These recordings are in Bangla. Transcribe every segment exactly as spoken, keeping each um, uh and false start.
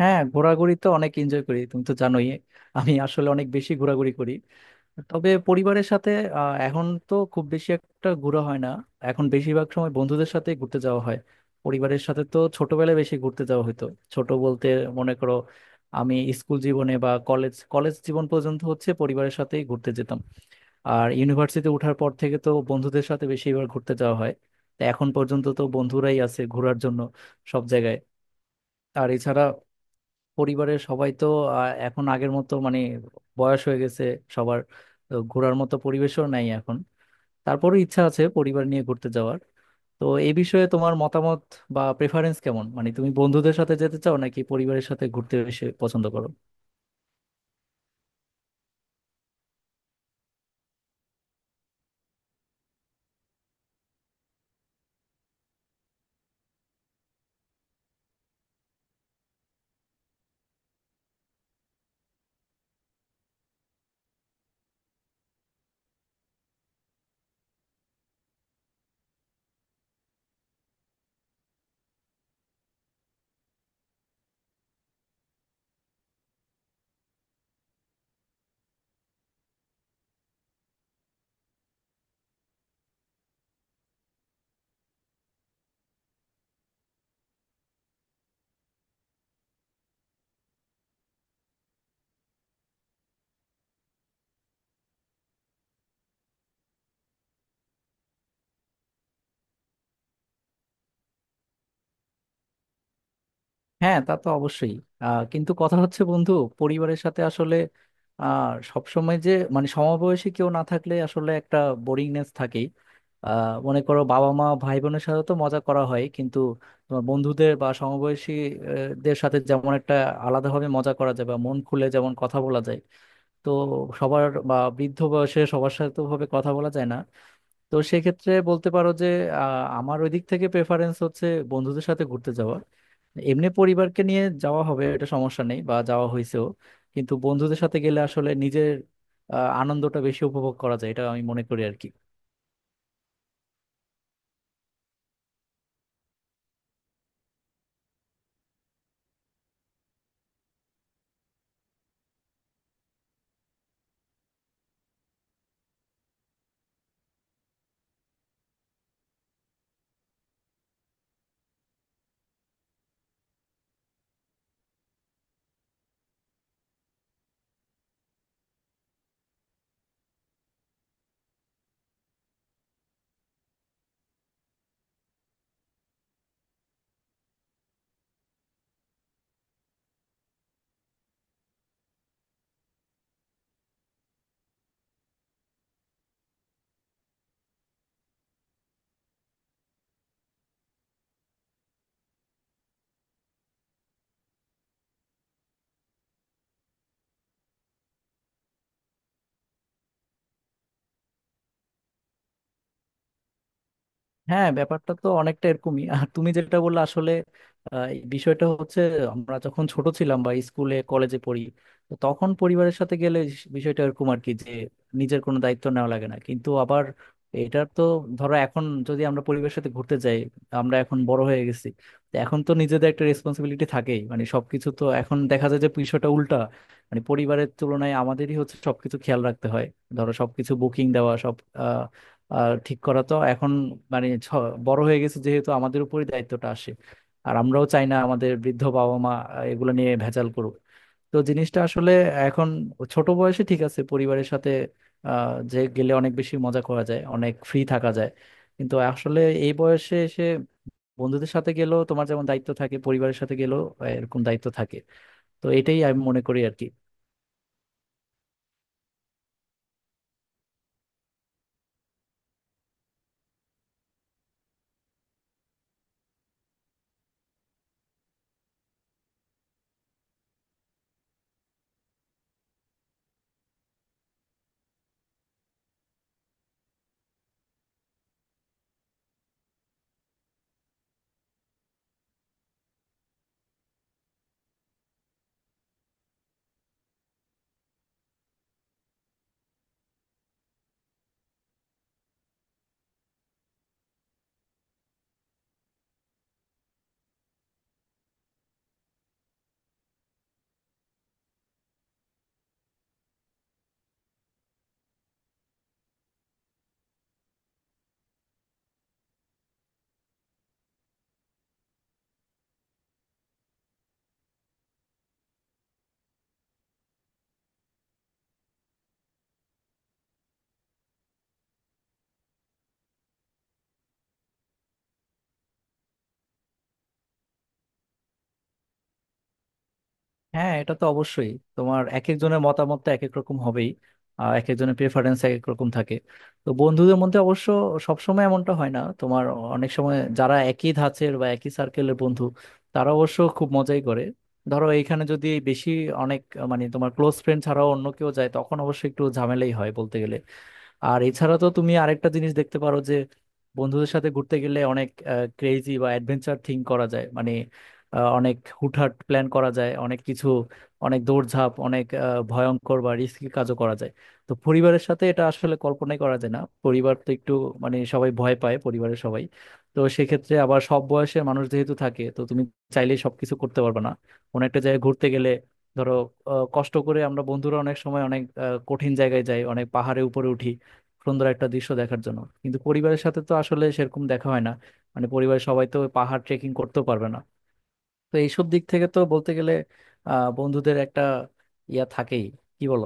হ্যাঁ, ঘোরাঘুরি তো অনেক এনজয় করি, তুমি তো জানোই। আমি আসলে অনেক বেশি ঘোরাঘুরি করি, তবে পরিবারের সাথে আহ, এখন তো খুব বেশি একটা ঘোরা হয় না। এখন বেশিরভাগ সময় বন্ধুদের সাথে ঘুরতে যাওয়া হয়। পরিবারের সাথে তো ছোটবেলায় বেশি ঘুরতে যাওয়া হতো। ছোট বলতে মনে করো, আমি স্কুল জীবনে বা কলেজ কলেজ জীবন পর্যন্ত হচ্ছে পরিবারের সাথেই ঘুরতে যেতাম। আর ইউনিভার্সিটিতে ওঠার পর থেকে তো বন্ধুদের সাথে বেশিবার ঘুরতে যাওয়া হয়। তো এখন পর্যন্ত তো বন্ধুরাই আছে ঘোরার জন্য সব জায়গায়। আর এছাড়া পরিবারের সবাই তো আহ, এখন আগের মতো, মানে বয়স হয়ে গেছে সবার, তো ঘোরার মতো পরিবেশও নাই এখন। তারপরও ইচ্ছা আছে পরিবার নিয়ে ঘুরতে যাওয়ার। তো এই বিষয়ে তোমার মতামত বা প্রেফারেন্স কেমন? মানে তুমি বন্ধুদের সাথে যেতে চাও নাকি পরিবারের সাথে ঘুরতে বেশি পছন্দ করো? হ্যাঁ, তা তো অবশ্যই। আহ, কিন্তু কথা হচ্ছে বন্ধু, পরিবারের সাথে আসলে আহ সবসময় যে মানে সমবয়সী কেউ না থাকলে আসলে একটা বোরিংনেস থাকেই। আহ মনে করো, বাবা মা ভাই বোনের সাথে তো মজা করা হয়, কিন্তু তোমার বন্ধুদের বা সমবয়সী আহ, দের সাথে যেমন একটা আলাদাভাবে মজা করা যায় বা মন খুলে যেমন কথা বলা যায়। তো সবার বা বৃদ্ধ বয়সে সবার সাথে তো ভাবে কথা বলা যায় না। তো সেক্ষেত্রে বলতে পারো যে আহ, আমার ওই দিক থেকে প্রেফারেন্স হচ্ছে বন্ধুদের সাথে ঘুরতে যাওয়া। এমনি পরিবারকে নিয়ে যাওয়া হবে, এটা সমস্যা নেই বা যাওয়া হয়েছেও, কিন্তু বন্ধুদের সাথে গেলে আসলে নিজের আহ, আনন্দটা বেশি উপভোগ করা যায়। এটা আমি মনে করি আর কি। হ্যাঁ, ব্যাপারটা তো অনেকটা এরকমই। আর তুমি যেটা বললে আসলে আহ, এই বিষয়টা হচ্ছে, আমরা যখন ছোট ছিলাম বা স্কুলে কলেজে পড়ি, তো তখন পরিবারের সাথে গেলে স- বিষয়টা এরকম আর কি যে নিজের কোনো দায়িত্ব নেওয়া লাগে না। কিন্তু আবার এটার তো, ধরো এখন যদি আমরা পরিবারের সাথে ঘুরতে যাই, আমরা এখন বড় হয়ে গেছি, তো এখন তো নিজেদের একটা রেসপন্সিবিলিটি থাকেই। মানে সবকিছু তো এখন দেখা যায় যে বিষয়টা উল্টা, মানে পরিবারের তুলনায় আমাদেরই হচ্ছে সবকিছু খেয়াল রাখতে হয়। ধরো সবকিছু বুকিং দেওয়া, সব আহ, ঠিক করা তো এখন, মানে ছ- বড় হয়ে গেছে যেহেতু, আমাদের উপরই দায়িত্বটা আসে। আর আমরাও চাই না আমাদের বৃদ্ধ বাবা মা আহ, এগুলো নিয়ে ভেজাল করুক। তো জিনিসটা আসলে এখন, ছোট বয়সে ঠিক আছে, পরিবারের সাথে আহ, যে গেলে অনেক বেশি মজা করা যায়, অনেক ফ্রি থাকা যায়। কিন্তু আসলে এই বয়সে এসে বন্ধুদের সাথে গেলেও তোমার যেমন দায়িত্ব থাকে, পরিবারের সাথে গেলেও আহ, এরকম দায়িত্ব থাকে। তো এটাই আমি মনে করি আর কি। হ্যাঁ, এটা তো অবশ্যই। তোমার এক একজনের মতামত তো এক এক রকম হবেই, আর এক একজনের প্রেফারেন্স এক এক রকম থাকে। তো বন্ধুদের মধ্যে অবশ্য সবসময় এমনটা হয় না তোমার। অনেক সময় যারা একই ধাঁচের বা একই সার্কেলের বন্ধু, তারা অবশ্য খুব মজাই করে। ধরো এইখানে যদি বেশি, অনেক, মানে তোমার ক্লোজ ফ্রেন্ড ছাড়াও অন্য কেউ যায়, তখন অবশ্য একটু ঝামেলাই হয় বলতে গেলে। আর এছাড়া তো তুমি আরেকটা জিনিস দেখতে পারো যে বন্ধুদের সাথে ঘুরতে গেলে অনেক ক্রেজি বা অ্যাডভেঞ্চার থিঙ্ক করা যায়। মানে আহ, অনেক হুটহাট প্ল্যান করা যায়, অনেক কিছু, অনেক দৌড়ঝাঁপ, অনেক আহ, ভয়ঙ্কর বা রিস্কি কাজও করা যায়। তো পরিবারের সাথে এটা আসলে কল্পনাই করা যায় না। পরিবার তো একটু, মানে সবাই ভয় পায় পরিবারের সবাই। তো সেক্ষেত্রে আবার সব বয়সের মানুষ যেহেতু থাকে, তো তুমি চাইলেই সবকিছু করতে পারবে না কোনো একটা জায়গায় ঘুরতে গেলে। ধরো আহ, কষ্ট করে আমরা বন্ধুরা অনেক সময় অনেক আহ, কঠিন জায়গায় যাই, অনেক পাহাড়ে উপরে উঠি সুন্দর একটা দৃশ্য দেখার জন্য, কিন্তু পরিবারের সাথে তো আসলে সেরকম দেখা হয় না। মানে পরিবারের সবাই তো ওই পাহাড় ট্রেকিং করতেও পারবে না। তো এইসব দিক থেকে তো বলতে গেলে আহ বন্ধুদের একটা ইয়া থাকেই। কি বলো?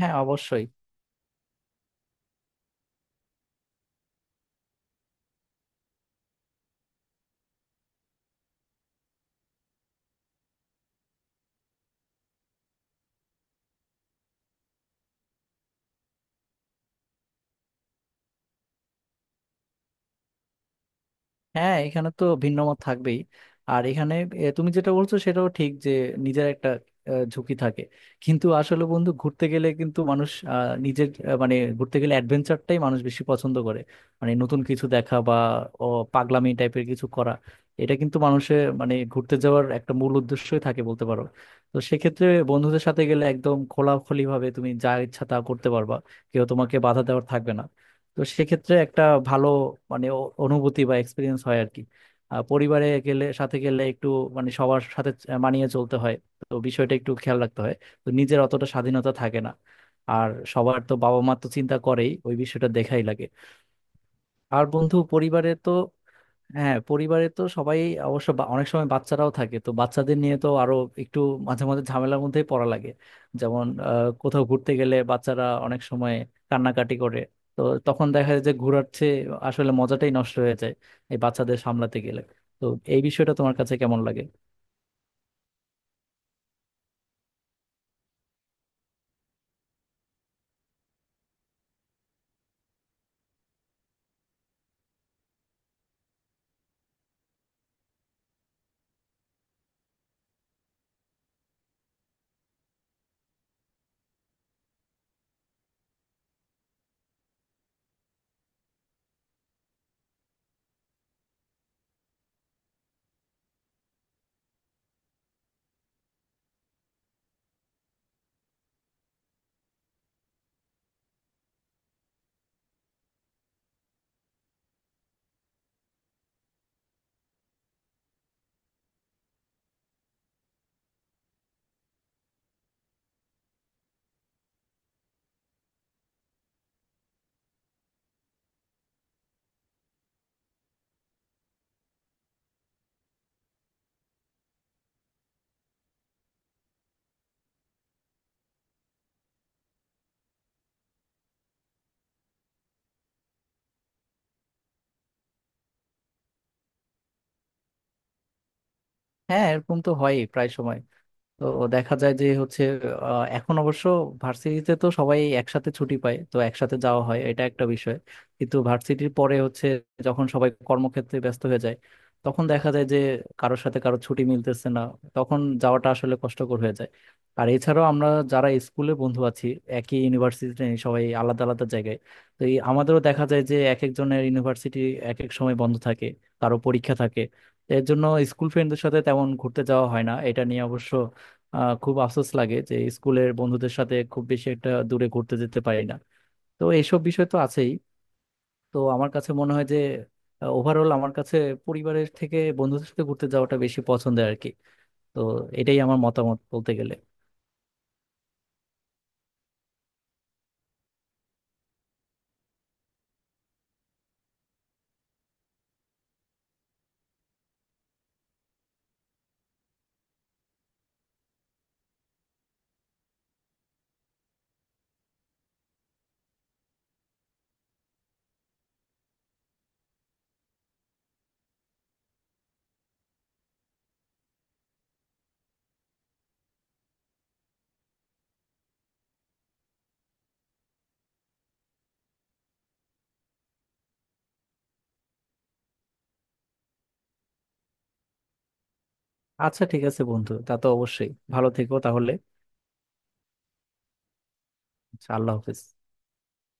হ্যাঁ, অবশ্যই। হ্যাঁ, এখানে তো ভিন্ন মত থাকবেই। আর এখানে এ, তুমি যেটা বলছো সেটাও ঠিক যে নিজের একটা আহ, ঝুঁকি থাকে। কিন্তু আসলে বন্ধু, ঘুরতে গেলে কিন্তু মানুষ আহ, নিজের আহ, মানে ঘুরতে গেলে অ্যাডভেঞ্চারটাই মানুষ বেশি পছন্দ করে। মানে নতুন কিছু দেখা বা ও, পাগলামি টাইপের কিছু করা, এটা কিন্তু মানুষের মানে ঘুরতে যাওয়ার একটা মূল উদ্দেশ্যই থাকে বলতে পারো। তো সেক্ষেত্রে বন্ধুদের সাথে গেলে একদম খোলাখুলি ভাবে তুমি যা ইচ্ছা তা করতে পারবা, কেউ তোমাকে বাধা দেওয়ার থাকবে না। তো সেক্ষেত্রে একটা ভালো, মানে অ- অনুভূতি বা এক্সপিরিয়েন্স হয় আর কি। আহ, পরিবারে গেলে, সাথে গেলে একটু, মানে সবার সাথে আহ, মানিয়ে চলতে হয়, তো বিষয়টা একটু খেয়াল রাখতে হয়, তো নিজের অতটা স্বাধীনতা থাকে না। আর সবার তো বাবা মা তো চিন্তা করেই, ওই বিষয়টা দেখাই লাগে। আর বন্ধু পরিবারে তো হ্যাঁ, পরিবারে তো সবাই অবশ্য বা- অনেক সময় বাচ্চারাও থাকে, তো বাচ্চাদের নিয়ে তো আরো একটু মাঝে মাঝে ঝামেলার মধ্যেই পড়া লাগে। যেমন আহ, কোথাও ঘুরতে গেলে বাচ্চারা অনেক সময় কান্নাকাটি করে। তো তখন দেখা যায় যে ঘোরার চেয়ে আসলে মজাটাই নষ্ট হয়ে যায় এই বাচ্চাদের সামলাতে গেলে। তো এই বিষয়টা তোমার কাছে কেমন লাগে? হ্যাঁ, এরকম তো হয় প্রায় সময়। তো দেখা যায় যে হচ্ছে আহ, এখন অবশ্য ভার্সিটিতে তো সবাই একসাথে ছুটি পায়, তো একসাথে যাওয়া হয়, এটা একটা বিষয়। কিন্তু ভার্সিটির পরে হচ্ছে, যখন সবাই কর্মক্ষেত্রে ব্যস্ত হয়ে যায়, তখন দেখা যায় যে কারোর সাথে কারো ছুটি মিলতেছে না, তখন যাওয়াটা আসলে কষ্টকর হয়ে যায়। আর এছাড়াও আমরা যারা স্কুলে বন্ধু আছি একই ইউনিভার্সিটিতে, সবাই আলাদা আলাদা জায়গায়, তো এই আমাদেরও দেখা যায় যে এক একজনের ইউনিভার্সিটি এক এক সময় বন্ধ থাকে, কারো পরীক্ষা থাকে। এর জন্য স্কুল ফ্রেন্ডদের সাথে তেমন ঘুরতে যাওয়া হয় না। এটা নিয়ে অবশ্য আহ খুব আফসোস লাগে যে স্কুলের বন্ধুদের সাথে খুব বেশি একটা দূরে ঘুরতে যেতে পারি না। তো এইসব বিষয় তো আছেই। তো আমার কাছে মনে হয় যে ওভারঅল আমার কাছে পরিবারের থেকে বন্ধুদের সাথে ঘুরতে যাওয়াটা বেশি পছন্দের আর কি। তো এটাই আমার মতামত বলতে গেলে। আচ্ছা, ঠিক আছে বন্ধু, তা তো অবশ্যই। ভালো থেকো তাহলে। আচ্ছা, আল্লাহ হাফেজ।